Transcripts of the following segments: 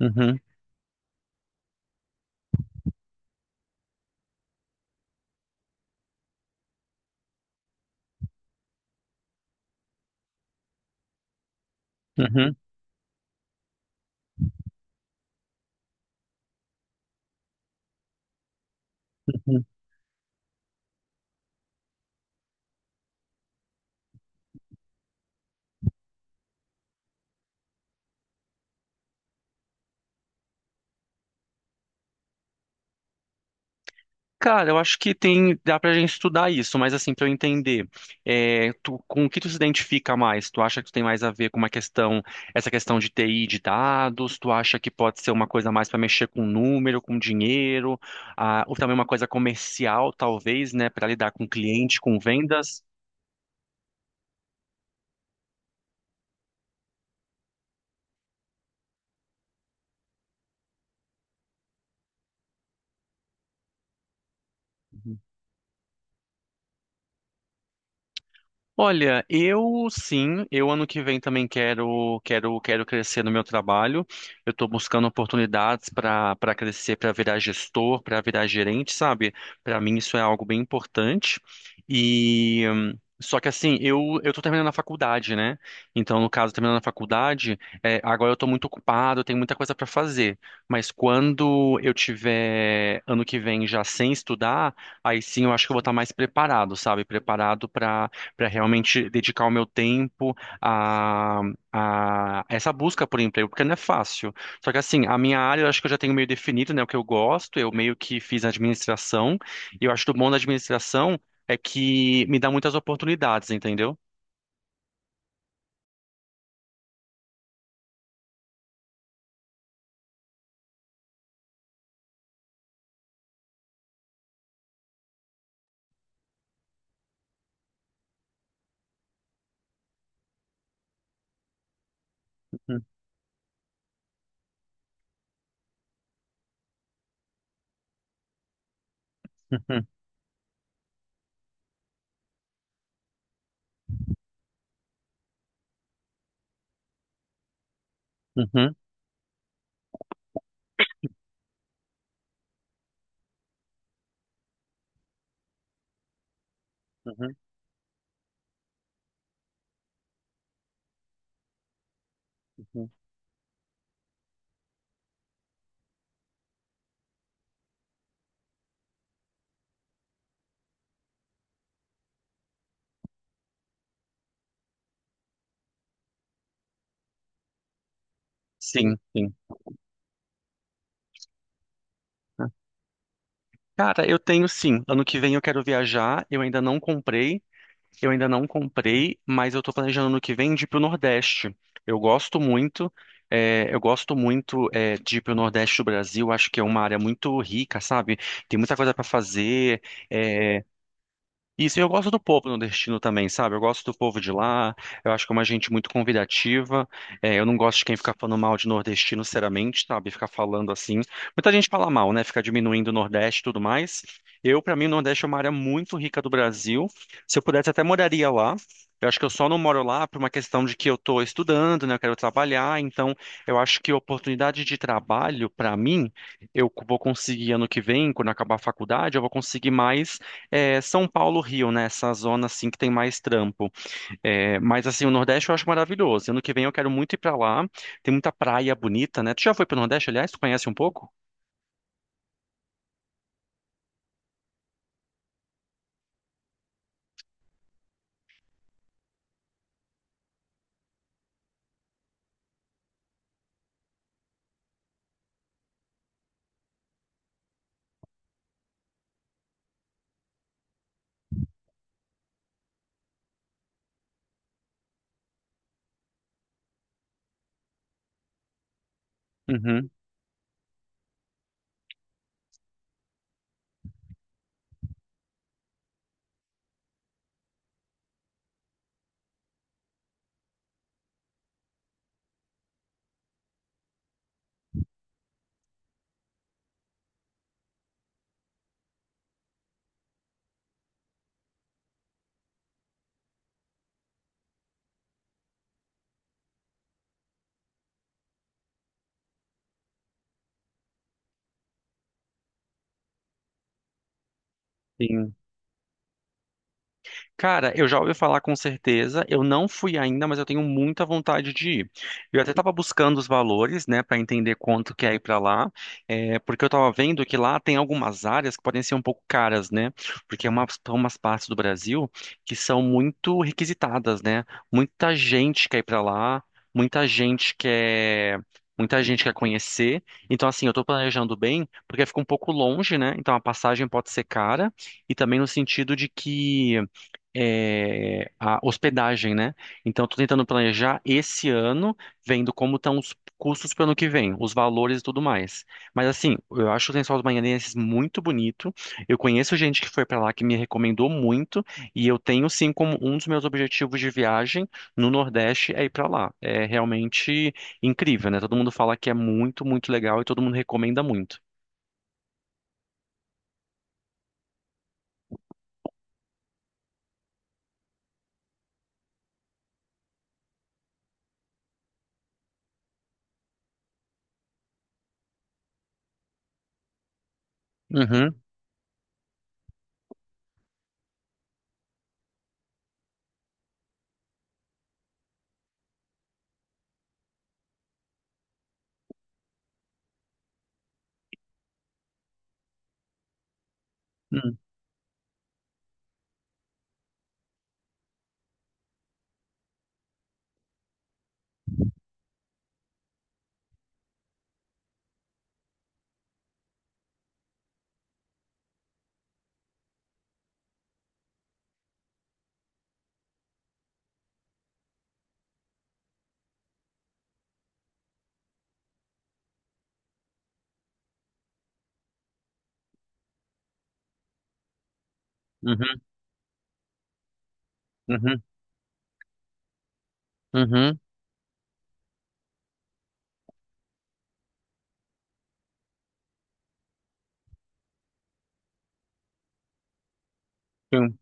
Uhum, uhum, uhum. Cara, eu acho que tem, dá pra gente estudar isso, mas assim, pra eu entender, com o que tu se identifica mais? Tu acha que tu tem mais a ver com uma questão, essa questão de TI de dados? Tu acha que pode ser uma coisa mais pra mexer com número, com dinheiro, ou também uma coisa comercial, talvez, né, pra lidar com cliente, com vendas? Olha, eu ano que vem também quero crescer no meu trabalho. Eu estou buscando oportunidades para crescer, para virar gestor, para virar gerente, sabe? Para mim isso é algo bem importante. Só que assim, eu estou terminando a faculdade, né? Então, no caso, terminando a faculdade, agora eu estou muito ocupado, eu tenho muita coisa para fazer. Mas quando eu tiver ano que vem já sem estudar, aí sim eu acho que eu vou estar mais preparado, sabe? Preparado para realmente dedicar o meu tempo a, a essa busca por emprego, porque não é fácil. Só que assim, a minha área eu acho que eu já tenho meio definido, né, o que eu gosto, eu meio que fiz administração, e eu acho que o bom da administração é que me dá muitas oportunidades, entendeu? Uhum, uhum, uhum, uhum, uhum. Sim, sim. Cara, eu tenho sim. Ano que vem eu quero viajar, eu ainda não comprei. Eu ainda não comprei, mas eu tô planejando no que vem de ir pro Nordeste. Eu gosto muito, eu gosto muito de ir pro Nordeste do Brasil. Acho que é uma área muito rica, sabe? Tem muita coisa para fazer. eh, isso, e eu gosto do povo nordestino também, sabe? Eu gosto do povo de lá, eu acho que é uma gente muito convidativa. Eu não gosto de quem fica falando mal de nordestino, sinceramente, sabe? Ficar falando assim. Muita gente fala mal, né? Fica diminuindo o Nordeste e tudo mais. Eu, pra mim, o Nordeste é uma área muito rica do Brasil. Se eu pudesse, até moraria lá. Eu acho que eu só não moro lá por uma questão de que eu tô estudando, né? Eu quero trabalhar. Então, eu acho que oportunidade de trabalho, pra mim, eu vou conseguir ano que vem, quando acabar a faculdade, eu vou conseguir mais São Paulo, Rio, né? Essa zona assim que tem mais trampo. É, mas assim, o Nordeste eu acho maravilhoso. Ano que vem eu quero muito ir pra lá. Tem muita praia bonita, né? Tu já foi pro Nordeste, aliás? Tu conhece um pouco? Uhum, sim. Cara, eu já ouvi falar com certeza. Eu não fui ainda, mas eu tenho muita vontade de ir. Eu até estava buscando os valores, né, para entender quanto que é ir para lá, porque eu estava vendo que lá tem algumas áreas que podem ser um pouco caras, né? Porque é uma, são umas partes do Brasil que são muito requisitadas, né? Muita gente quer ir para lá, muita gente quer. Muita gente quer conhecer. Então, assim, eu estou planejando bem, porque fica um pouco longe, né? Então, a passagem pode ser cara. E também no sentido de que a hospedagem, né? Então, estou tentando planejar esse ano, vendo como estão os custos para o ano que vem, os valores e tudo mais. Mas, assim, eu acho o Lençóis dos Maranhenses muito bonito. Eu conheço gente que foi para lá que me recomendou muito. E eu tenho, sim, como um dos meus objetivos de viagem no Nordeste é ir para lá. É realmente incrível, né? Todo mundo fala que é muito, muito legal e todo mundo recomenda muito. Uhum, uhum, uhum, uhum, uhum.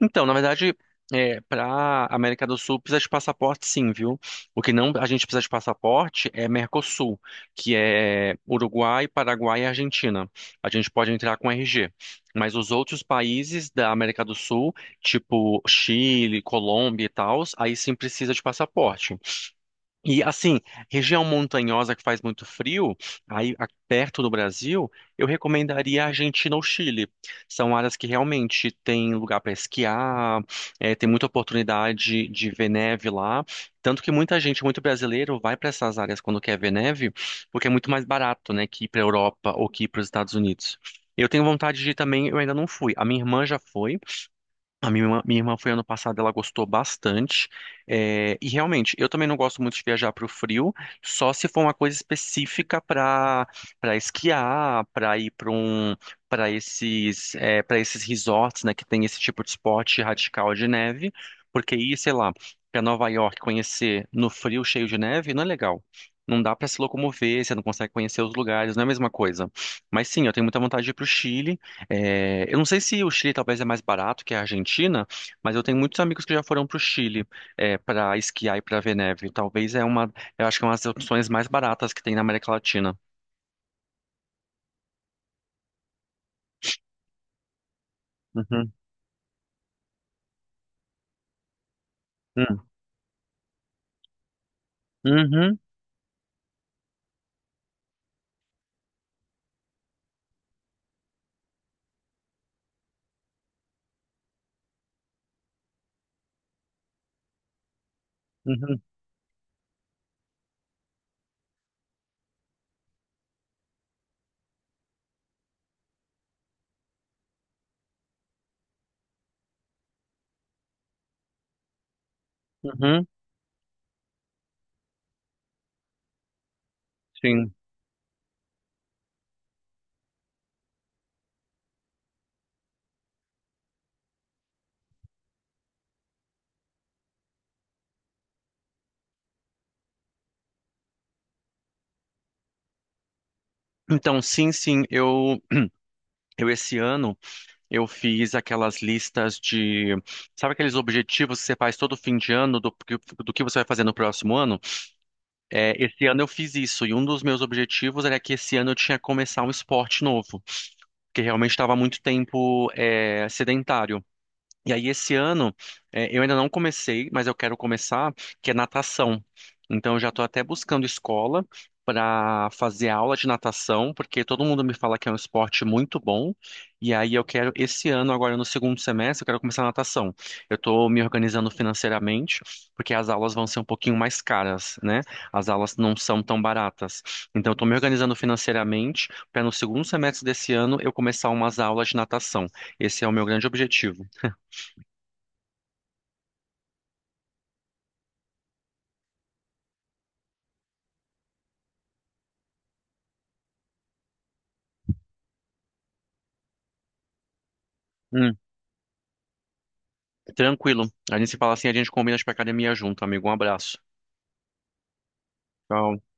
Então, na verdade, para América do Sul precisa de passaporte, sim, viu? O que não a gente precisa de passaporte é Mercosul, que é Uruguai, Paraguai e Argentina. A gente pode entrar com RG. Mas os outros países da América do Sul, tipo Chile, Colômbia e tal, aí sim precisa de passaporte. E assim, região montanhosa que faz muito frio, perto do Brasil, eu recomendaria a Argentina ou Chile. São áreas que realmente tem lugar para esquiar, tem muita oportunidade de ver neve lá. Tanto que muita gente, muito brasileiro, vai para essas áreas quando quer ver neve, porque é muito mais barato, né, que ir para a Europa ou que ir para os Estados Unidos. Eu tenho vontade de ir também, eu ainda não fui. A minha irmã já foi. Minha irmã foi ano passado, ela gostou bastante. É, e realmente, eu também não gosto muito de viajar para o frio, só se for uma coisa específica para esquiar, para ir para um para esses para esses resorts, né, que tem esse tipo de esporte radical de neve, porque ir, sei lá, para Nova York conhecer no frio cheio de neve não é legal. Não dá para se locomover, você não consegue conhecer os lugares, não é a mesma coisa. Mas sim, eu tenho muita vontade de ir para o Chile. É, eu não sei se o Chile talvez é mais barato que a Argentina, mas eu tenho muitos amigos que já foram para o Chile, para esquiar e para ver neve. Talvez é uma, eu acho que é uma das opções mais baratas que tem na América Latina. Uhum, uhum, uhum, uhum, uhum, sim. Então, sim, sim, eu esse ano eu fiz aquelas listas de, sabe aqueles objetivos que você faz todo fim de ano do que você vai fazer no próximo ano? É, esse ano eu fiz isso e um dos meus objetivos era que esse ano eu tinha que começar um esporte novo. Que realmente estava há muito tempo sedentário. E aí, esse ano, eu ainda não comecei, mas eu quero começar, que é natação. Então, eu já estou até buscando escola para fazer aula de natação, porque todo mundo me fala que é um esporte muito bom. E aí, eu quero, esse ano, agora no segundo semestre, eu quero começar natação. Eu estou me organizando financeiramente, porque as aulas vão ser um pouquinho mais caras, né? As aulas não são tão baratas. Então, eu estou me organizando financeiramente para no segundo semestre desse ano eu começar umas aulas de natação. Esse é o meu grande objetivo. Tranquilo. A gente se fala assim, a gente combina de ir pra academia junto, amigo. Um abraço. Tchau.